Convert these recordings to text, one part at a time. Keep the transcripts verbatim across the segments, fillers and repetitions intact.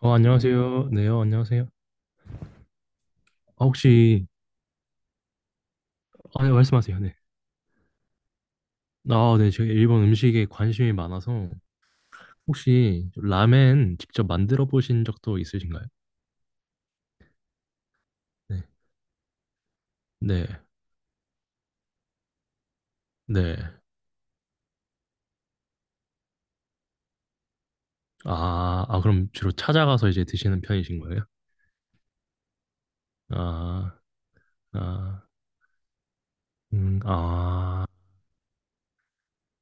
어, 안녕하세요. 네, 요 안녕하세요. 아, 혹시, 아, 네, 말씀하세요. 네. 아, 네, 제가 일본 음식에 관심이 많아서, 혹시 라멘 직접 만들어 보신 적도 있으신가요? 네. 네, 네. 아, 아, 그럼 주로 찾아가서 이제 드시는 편이신 거예요? 아, 아, 음, 아.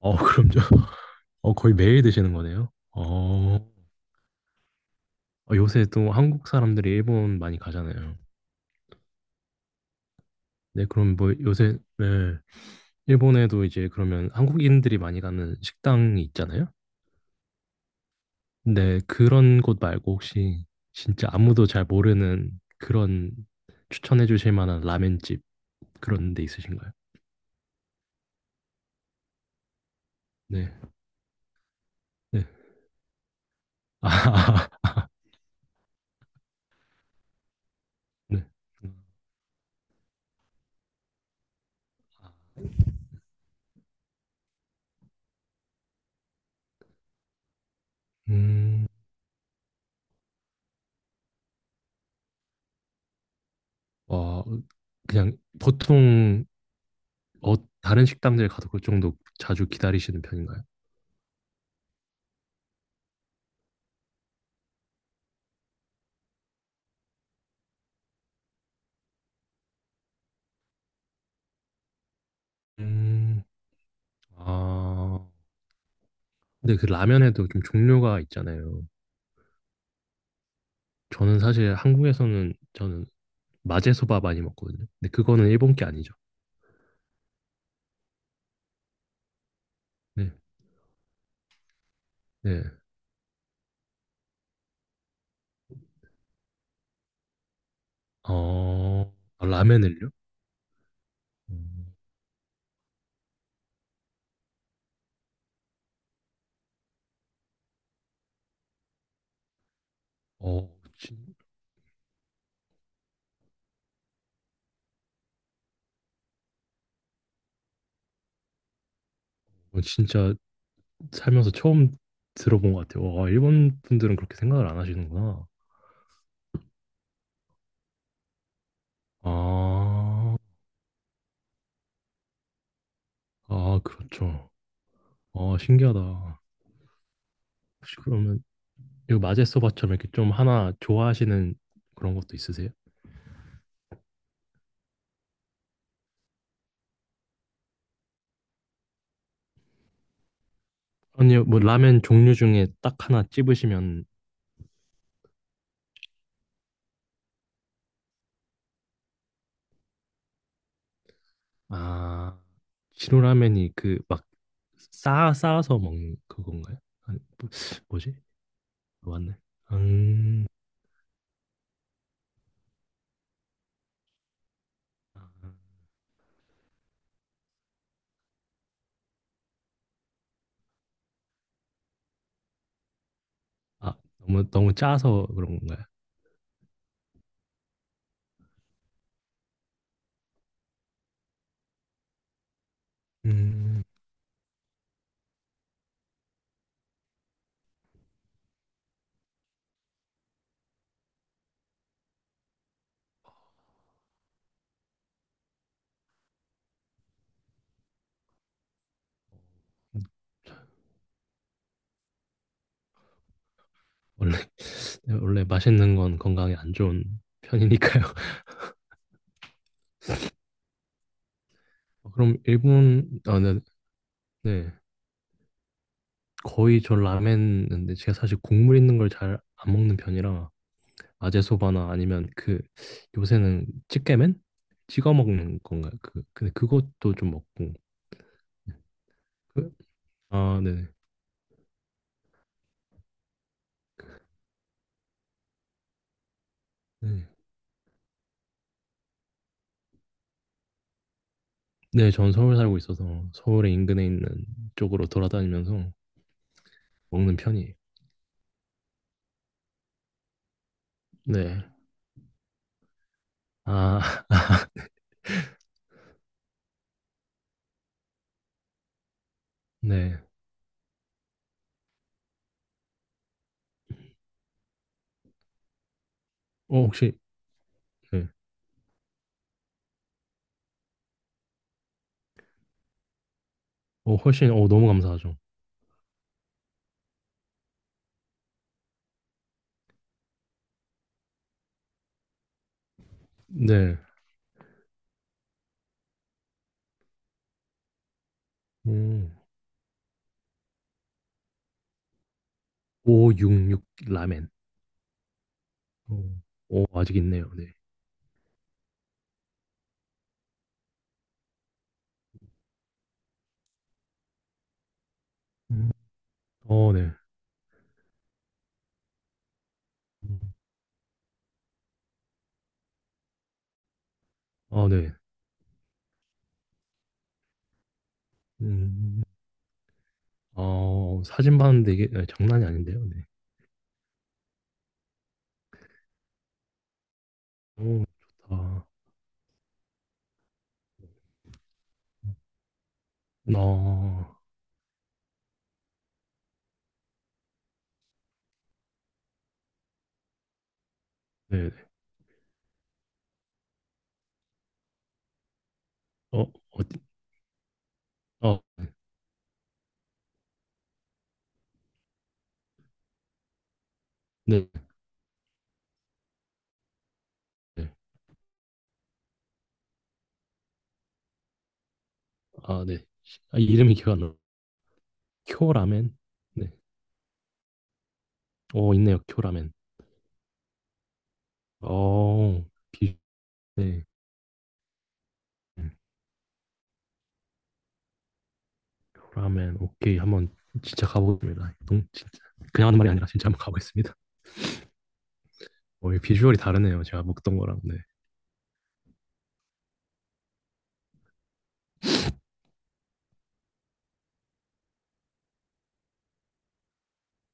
어, 그럼 저, 어, 거의 매일 드시는 거네요? 어, 어, 요새 또 한국 사람들이 일본 많이 가잖아요. 네, 그럼 뭐 요새, 네. 일본에도 이제 그러면 한국인들이 많이 가는 식당이 있잖아요. 근데 그런 곳 말고 혹시 진짜 아무도 잘 모르는 그런 추천해 주실 만한 라멘집 그런 데 있으신가요? 네. 네. 아, 네. 음, 와, 그냥 보통 어, 다른 식당들 가도 그 정도 자주 기다리시는 편인가요? 음, 아, 근데 그 라면에도 좀 종류가 있잖아요. 저는 사실 한국에서는 저는 마제소바 많이 먹거든요. 근데 그거는 일본 게 아니죠. 네, 네. 어, 아, 라멘을요? 음, 어, 진, 어, 진짜 살면서 처음 들어본 것 같아요. 와, 일본 분들은 그렇게 생각을 안 하시는구나. 아, 아, 그렇죠. 아, 신기하다. 혹시 그러면 이거 마제소바처럼 이렇게 좀 하나 좋아하시는 그런 것도 있으세요? 아니요, 뭐 라멘 종류 중에 딱 하나 찝으시면 아, 시로라면이 그 막 싸, 아서 먹는 그건가요? 아니, 뭐- 뭐지? 맞네. 음, 아, 너무, 너무 짜서 그런 건가요? 음, 원래, 원래 맛있는 건 건강에 안 좋은 편이니까요. 그럼 일본, 아, 네, 네. 거의 저 라멘인데 제가 사실 국물 있는 걸 잘 안 먹는 편이라 아제소바나 아니면 그 요새는 찌개면 찍어 먹는 건가요? 그 근데 그것도 좀 먹고 그, 아 네네 네. 네, 전 서울 살고 있어서 서울의 인근에 있는 쪽으로 돌아다니면서 먹는 편이에요. 네. 아, 네. 어, 혹시, 네. 어, 훨씬, 어, 너무 감사하죠. 네. 음, 오육육 라멘. 어, 오, 아직 있네요. 네. 음, 어, 네. 음, 어, 네. 음, 어, 사진 봤는데 이게 네, 장난이 아닌데요. 네. 오, 좋다. 어, 네네. 어, 어디, 어, 네. 네. 아, 네. 아, 이름이 기억 안 나. 쿄라멘? 네. 어, 있네요. 쿄라멘. 어, 비, 네. 음, 쿄라멘. 오케이. 한번 진짜 가보겠습니다. 동, 진짜. 그냥 하는 말이 아니라 진짜 한번 가보겠습니다. 어, 이 비주얼이 다르네요. 제가 먹던 거랑, 네.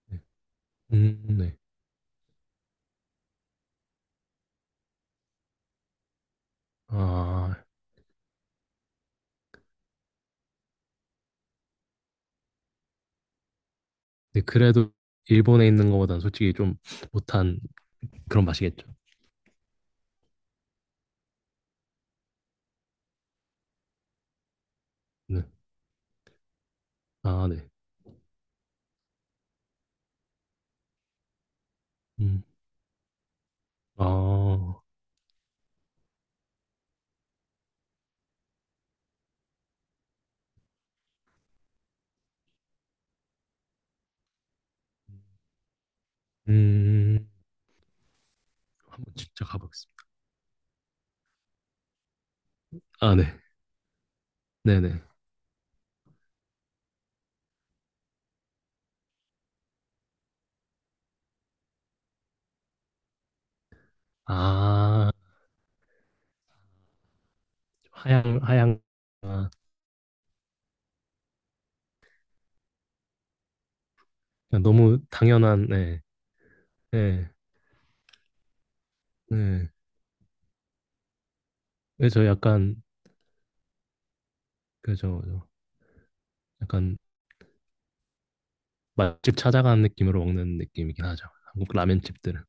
네. 음, 네. 아, 네. 그래도 일본에 있는 것보다는 솔직히 좀 못한 그런 맛이겠죠. 네. 아, 네. 음, 아. 음, 한번 직접 가보겠습니다. 아, 네. 네네. 아, 하향, 하향. 아, 그냥 너무 당연한, 네. 네. 네. 그래서 약간, 그죠. 그죠. 약간 맛집 찾아가는 느낌으로 먹는 느낌이긴 하죠. 한국 라면집들은.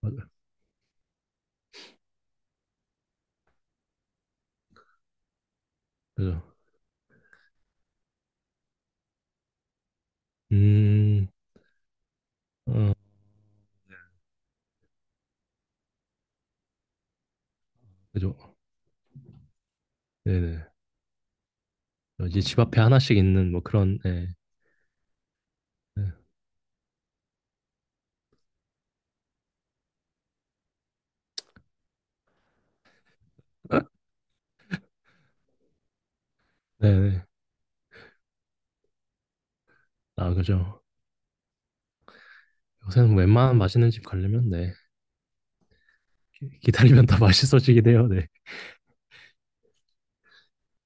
맞아요. 그죠. 음, 어, 그죠. 네네. 어, 이제 집 앞에 하나씩 있는 뭐 그런, 네. 네. 네네. 아, 그죠. 요새는 웬만한 맛있는 집 가려면, 네. 기- 기다리면 다 맛있어지긴 해요. 네.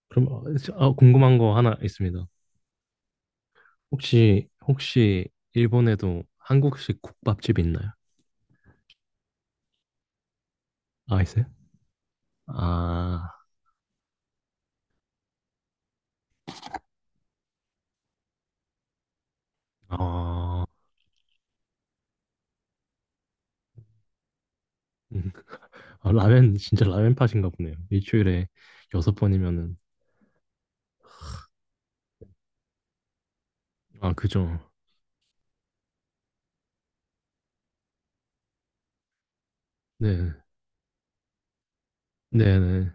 그럼 어, 저- 어, 궁금한 거 하나 있습니다. 혹시 혹시 일본에도 한국식 국밥집 있나요? 아 있어요? 아, 아, 음. 아, 라멘 진짜 라멘 팟인가 보네요. 일주일에 여섯 번이면은 아 그죠? 네, 네, 네,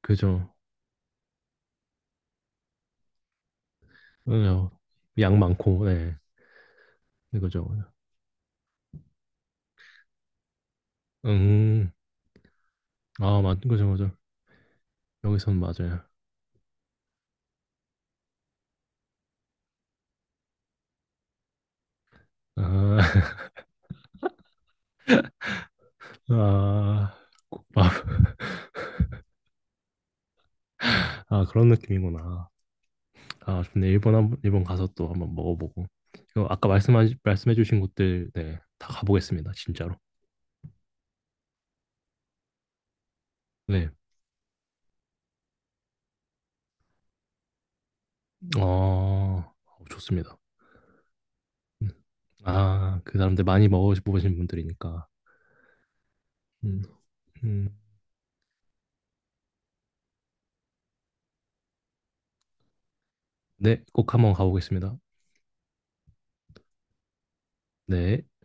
그죠? 어, 양 많고 네, 네, 그죠? 음, 아 맞, 그죠, 그죠. 여기서는 맞아요. 아, 아, 국밥. 아 그런 느낌이구나. 아, 좋네. 일본 한, 번- 일본 가서 또 한번 먹어보고. 이거 아까 말씀 말씀해주신 곳들, 네, 다 가보겠습니다. 진짜로. 네. 어, 좋습니다. 음. 아, 그 사람들 많이 먹어보신 분들이니까. 음, 음. 네, 꼭 한번 가보겠습니다. 네.